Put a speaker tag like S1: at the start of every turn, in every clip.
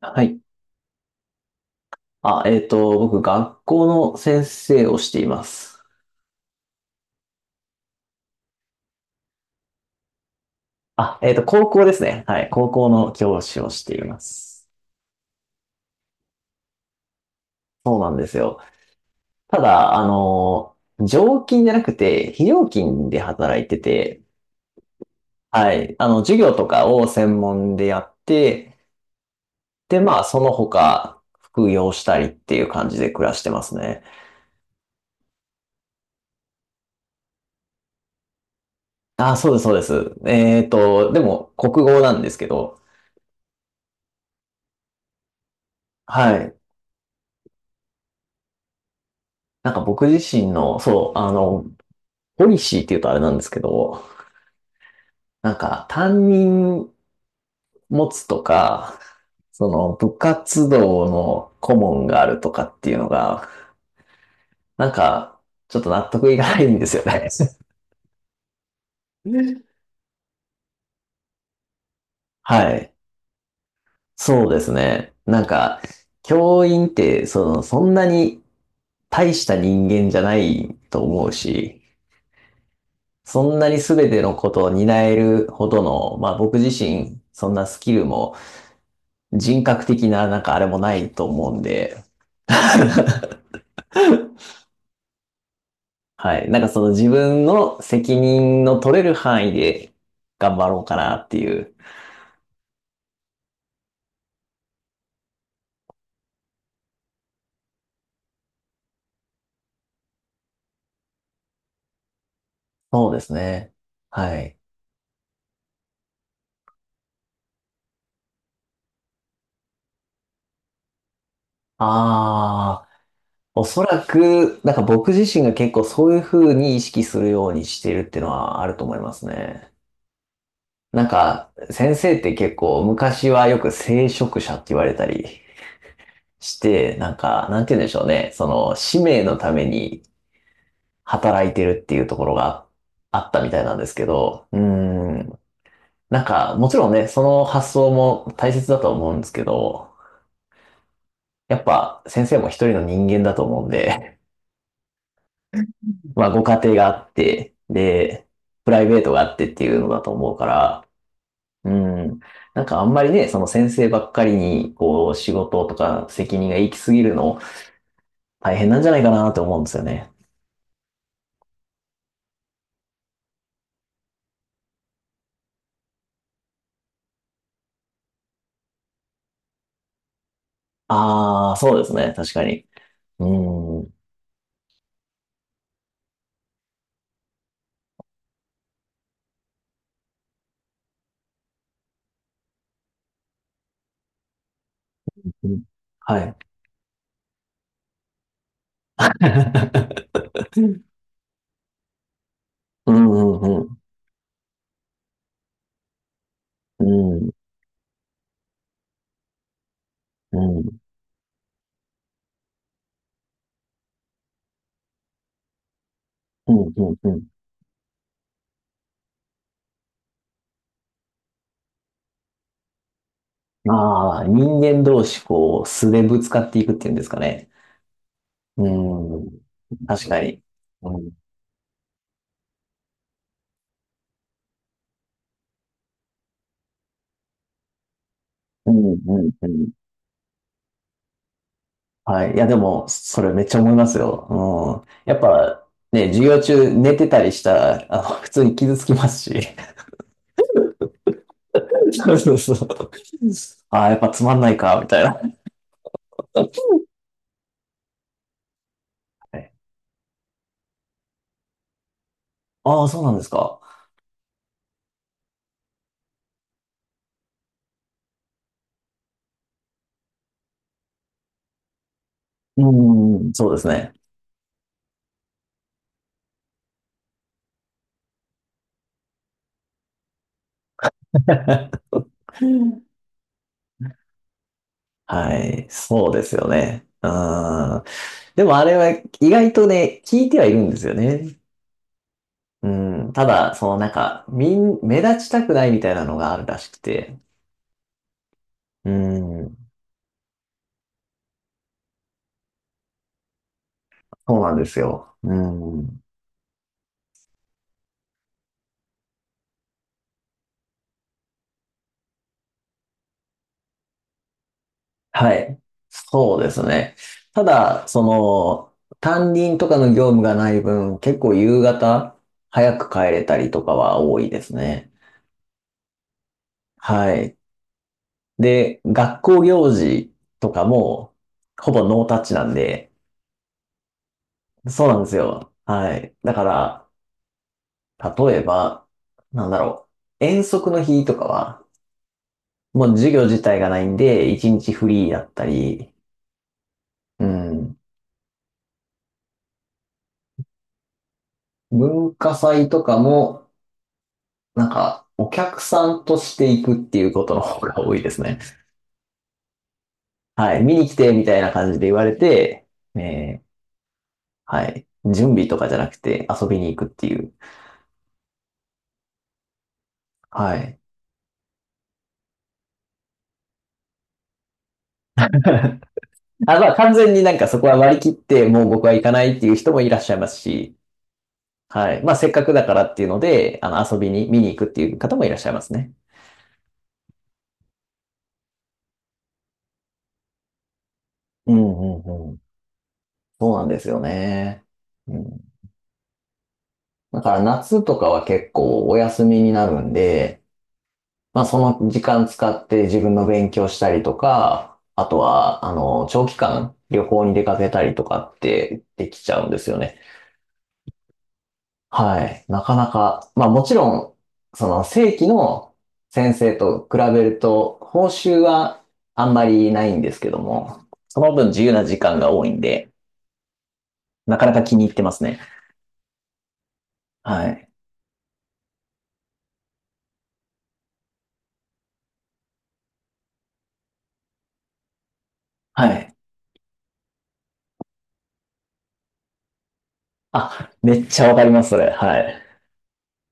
S1: はい。僕、学校の先生をしています。高校ですね。はい。高校の教師をしています。そうなんですよ。ただ、常勤じゃなくて、非常勤で働いてて、はい。授業とかを専門でやって、で、まあ、その他、副業したりっていう感じで暮らしてますね。あ、そうです、そうです。でも、国語なんですけど、はい。なんか僕自身の、そう、ポリシーっていうとあれなんですけど、なんか担任持つとか、その部活動の顧問があるとかっていうのが、なんかちょっと納得いかないんですよね。はい。そうですね。なんか、教員ってその、そんなに大した人間じゃないと思うし、そんなに全てのことを担えるほどの、まあ僕自身、そんなスキルも人格的ななんかあれもないと思うんで、はい。なんかその自分の責任の取れる範囲で頑張ろうかなっていう。そうですね。はい。ああ、おそらく、なんか僕自身が結構そういうふうに意識するようにしてるっていうのはあると思いますね。なんか先生って結構昔はよく聖職者って言われたりして、なんか、なんて言うんでしょうね。その使命のために働いてるっていうところがあったみたいなんですけど、うーん。なんか、もちろんね、その発想も大切だと思うんですけど、やっぱ先生も一人の人間だと思うんで、まあご家庭があって、で、プライベートがあってっていうのだと思うから、うん。なんかあんまりね、その先生ばっかりに、こう、仕事とか責任が行き過ぎるの大変なんじゃないかなと思うんですよね。ああ、そうですね。確かに。うん。うん。はい。うん、うん、うん。うん、うん、うん、うん、うん。ああ、人間同士、こう、素でぶつかっていくっていうんですかね。うん。確かに。うん。うん、うん、うん。はい。いや、でも、それめっちゃ思いますよ。うん。やっぱ、ね、授業中寝てたりしたら、普通に傷つきますし。そうそうそう。ああ、やっぱつまんないか、みたいな。ああ、そうなんですか。うん、うん、うん。そうですね。はい、そうですよね。うん。でもあれは意外とね、聞いてはいるんですよね。うん。ただ、そのなんか、目立ちたくないみたいなのがあるらしくて。うん。そうなんですよ。うん。はい。そうですね。ただ、その、担任とかの業務がない分、結構夕方早く帰れたりとかは多いですね。はい。で、学校行事とかも、ほぼノータッチなんで、そうなんですよ。はい。だから、例えば、なんだろう。遠足の日とかは、もう授業自体がないんで、一日フリーだったり、うん。文化祭とかも、なんか、お客さんとして行くっていうことの方が多いですね。はい。見に来て、みたいな感じで言われて、えーはい。準備とかじゃなくて遊びに行くっていう。はい。あ、まあ完全になんかそこは割り切って、もう僕は行かないっていう人もいらっしゃいますし、はい。まあ、せっかくだからっていうので、遊びに、見に行くっていう方もいらっしゃいますね。うん、うん、うん。そうなんですよね。うん。だから夏とかは結構お休みになるんで、まあその時間使って自分の勉強したりとか、あとは、長期間旅行に出かけたりとかってできちゃうんですよね。はい。なかなか、まあもちろん、その正規の先生と比べると、報酬はあんまりないんですけども、その分自由な時間が多いんで、なかなか気に入ってますね。はい。はい。あ、めっちゃわかります、それ。はい。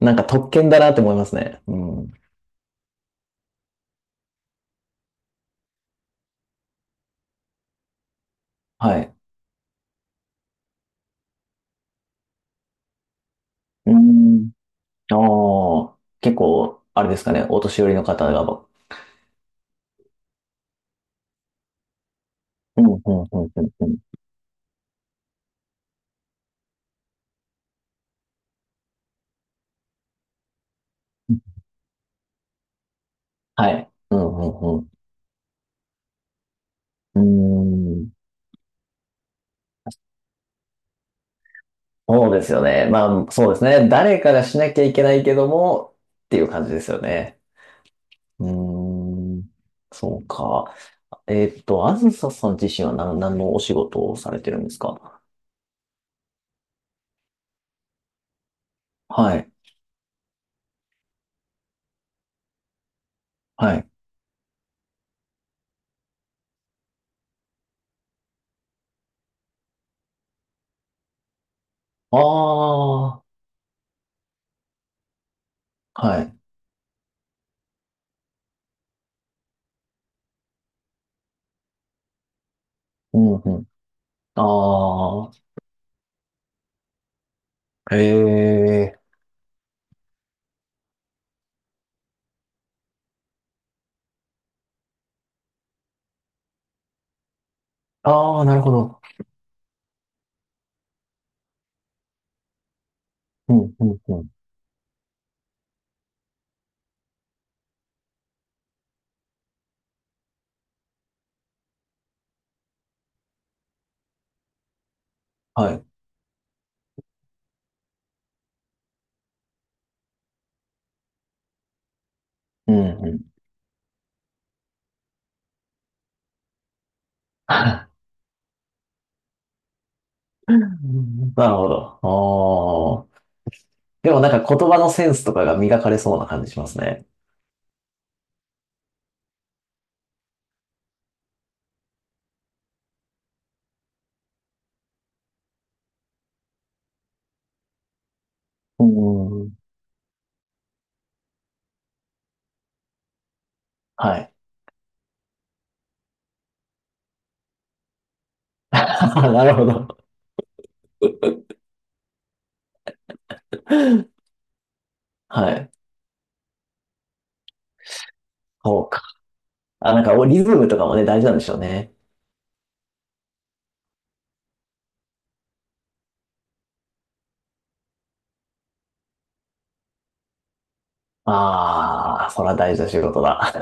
S1: なんか特権だなって思いますね。うん。はい。うーん。ああ、結構、あれですかね、お年寄りの方が、うん、うん、うん、うん、うん。はい。うん、うん、うん。うーん。そうですよね。まあ、そうですね。誰かがしなきゃいけないけども、っていう感じですよね。うーん。そうか。あずささん自身は何のお仕事をされてるんですか？はい。はい。ああ、はい。うん、うん。ああ、ええ。ああ、なるほど。うん、うん、うん。はい。うん、うん。なるほど。ああ。でもなんか言葉のセンスとかが磨かれそうな感じしますね。うん。はい。あ、なるほど。はい。そうか。あ、なんかリズムとかもね、大事なんでしょうね。ああ、それは大事な仕事だ。